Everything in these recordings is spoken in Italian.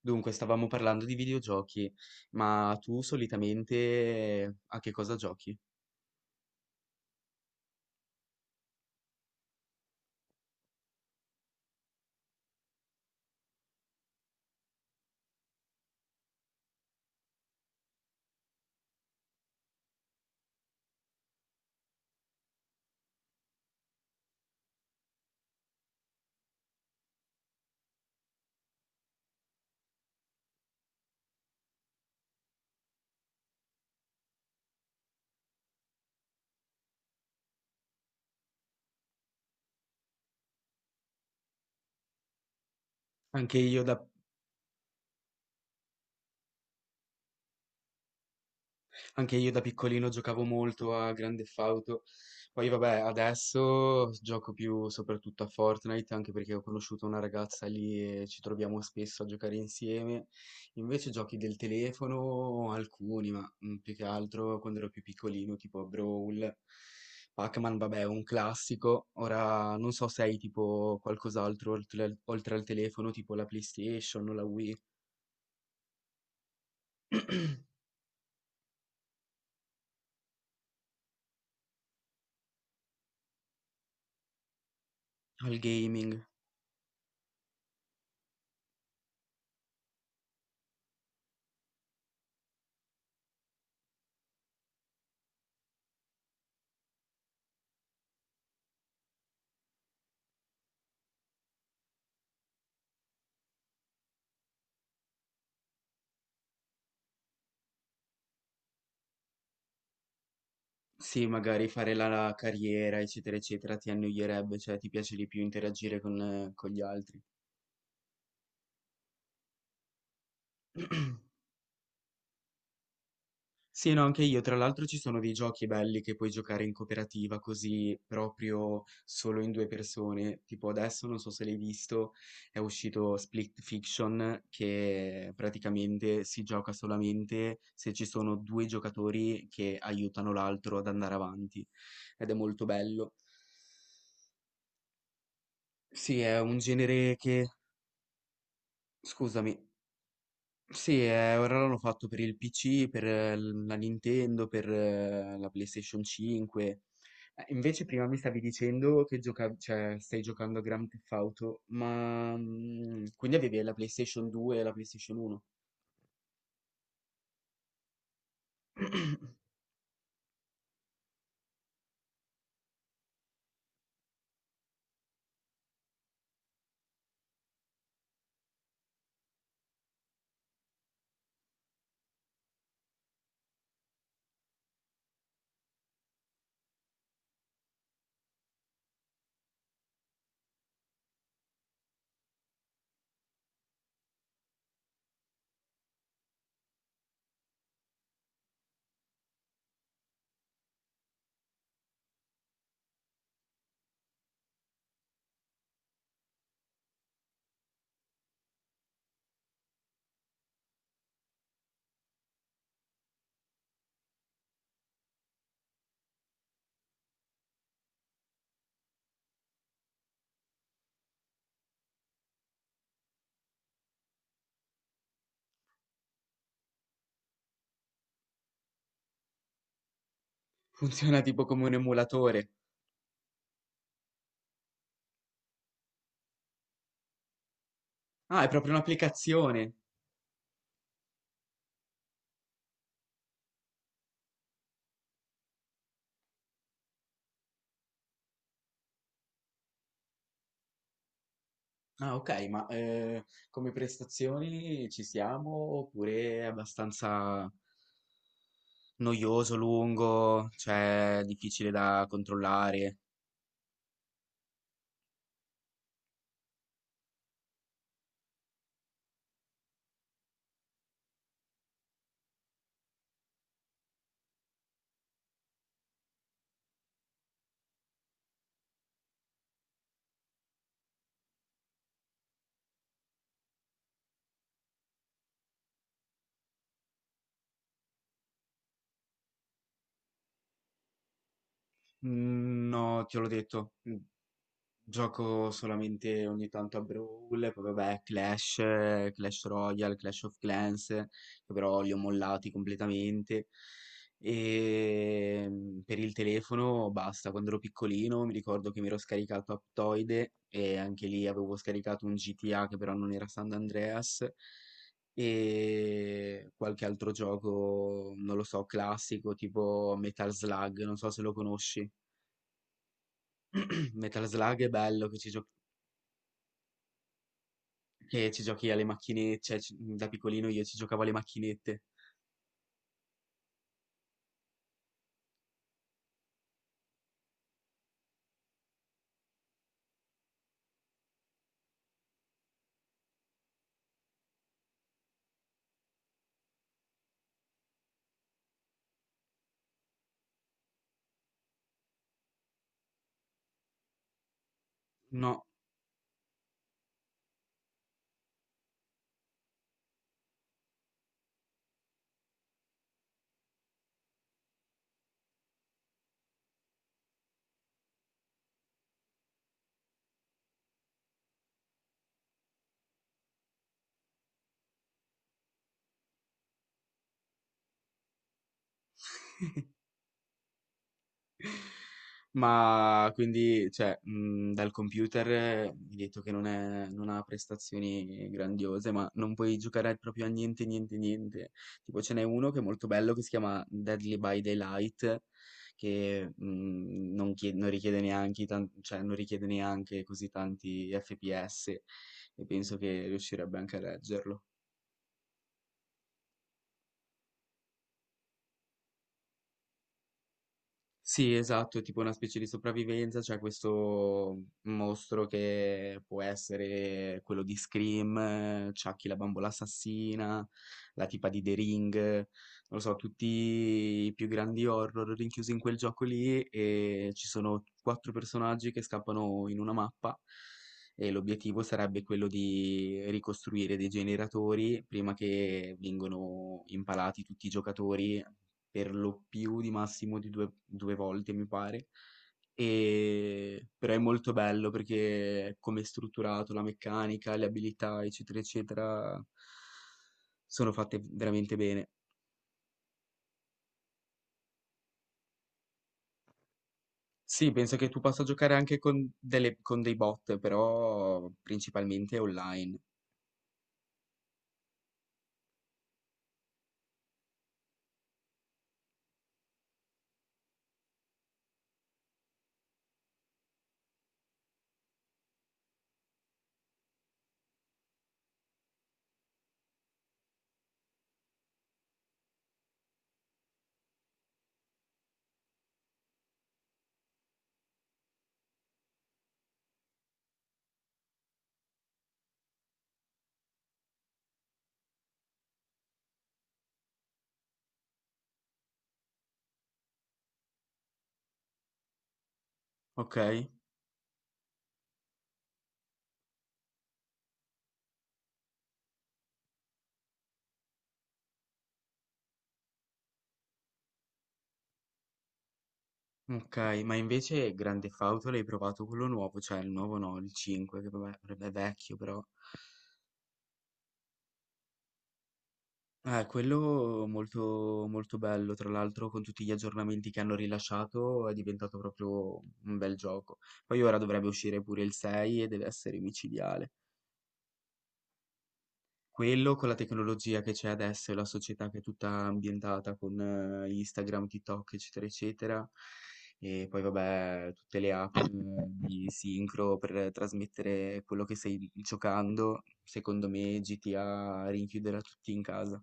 Dunque, stavamo parlando di videogiochi, ma tu solitamente a che cosa giochi? Anche io da Anche io da piccolino giocavo molto a Grand Theft Auto, poi vabbè adesso gioco più soprattutto a Fortnite, anche perché ho conosciuto una ragazza lì e ci troviamo spesso a giocare insieme. Invece giochi del telefono alcuni, ma più che altro quando ero più piccolino tipo Brawl, Pac-Man vabbè è un classico. Ora non so se hai tipo qualcos'altro oltre, oltre al telefono, tipo la PlayStation o la Wii, al gaming. Sì, magari fare la carriera, eccetera, eccetera, ti annoierebbe, cioè ti piace di più interagire con gli altri. Sì, no, anche io. Tra l'altro ci sono dei giochi belli che puoi giocare in cooperativa, così proprio solo in due persone. Tipo adesso, non so se l'hai visto, è uscito Split Fiction, che praticamente si gioca solamente se ci sono due giocatori che aiutano l'altro ad andare avanti. Ed è molto bello. Sì, è un genere che... Scusami. Sì, ora l'hanno fatto per il PC, per la Nintendo, per la PlayStation 5. Invece prima mi stavi dicendo che cioè, stai giocando a Grand Theft Auto, ma quindi avevi la PlayStation 2 e la PlayStation 1? Funziona tipo come un emulatore. Ah, è proprio un'applicazione. Ah, ok, ma come prestazioni ci siamo oppure è abbastanza noioso, lungo, cioè difficile da controllare? No, te l'ho detto, gioco solamente ogni tanto a Brawl, poi vabbè, Clash, Clash Royale, Clash of Clans, che però li ho mollati completamente. E per il telefono basta. Quando ero piccolino mi ricordo che mi ero scaricato Aptoide e anche lì avevo scaricato un GTA che però non era San Andreas, e qualche altro gioco, non lo so, classico, tipo Metal Slug, non so se lo conosci. Metal Slug è bello che ci, che ci giochi alle macchinette, cioè da piccolino io ci giocavo alle macchinette. No, ma quindi, cioè, dal computer mi hai detto che non ha prestazioni grandiose, ma non puoi giocare proprio a niente, niente, niente. Tipo ce n'è uno che è molto bello che si chiama Deadly by Daylight, che non richiede neanche, cioè, non richiede neanche così tanti FPS, e penso che riuscirebbe anche a reggerlo. Sì, esatto, tipo una specie di sopravvivenza. C'è questo mostro che può essere quello di Scream, Chucky la bambola assassina, la tipa di The Ring, non lo so, tutti i più grandi horror rinchiusi in quel gioco lì, e ci sono quattro personaggi che scappano in una mappa, e l'obiettivo sarebbe quello di ricostruire dei generatori prima che vengano impalati tutti i giocatori per lo più di massimo di due, due volte, mi pare. Però è molto bello perché come è strutturato, la meccanica, le abilità, eccetera, eccetera, sono fatte veramente bene. Sì, penso che tu possa giocare anche con, con dei bot, però principalmente online. Ok, ok, ma invece Grande Fauto l'hai provato, quello nuovo, cioè il nuovo no, il 5, che vabbè, vabbè, è vecchio però. Quello molto, molto bello. Tra l'altro con tutti gli aggiornamenti che hanno rilasciato è diventato proprio un bel gioco. Poi ora dovrebbe uscire pure il 6 e deve essere micidiale. Quello con la tecnologia che c'è adesso e la società che è tutta ambientata con Instagram, TikTok, eccetera, eccetera. E poi vabbè, tutte le app di sincro per trasmettere quello che stai giocando. Secondo me GTA rinchiuderà tutti in casa.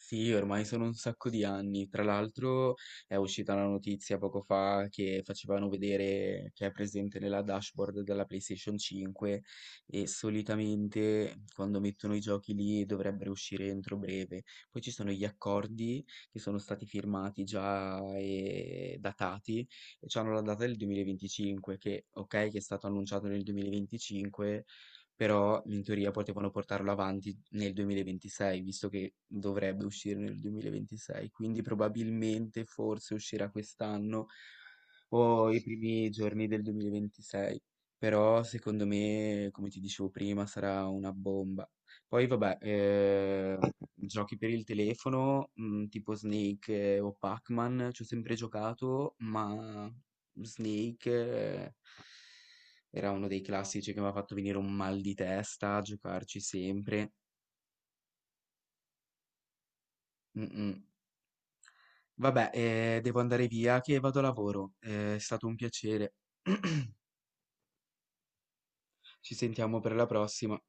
Sì, ormai sono un sacco di anni. Tra l'altro è uscita la notizia poco fa che facevano vedere che è presente nella dashboard della PlayStation 5, e solitamente quando mettono i giochi lì dovrebbero uscire entro breve. Poi ci sono gli accordi che sono stati firmati già e datati, e hanno la data del 2025, che ok che è stato annunciato nel 2025, però in teoria potevano portarlo avanti nel 2026, visto che dovrebbe uscire nel 2026, quindi probabilmente forse uscirà quest'anno o i primi giorni del 2026, però secondo me, come ti dicevo prima, sarà una bomba. Poi vabbè, giochi per il telefono, tipo Snake o Pac-Man, ci ho sempre giocato, ma Snake... era uno dei classici che mi ha fatto venire un mal di testa a giocarci sempre. Mm, mm. Vabbè, devo andare via che vado a lavoro. È stato un piacere. Ci sentiamo per la prossima.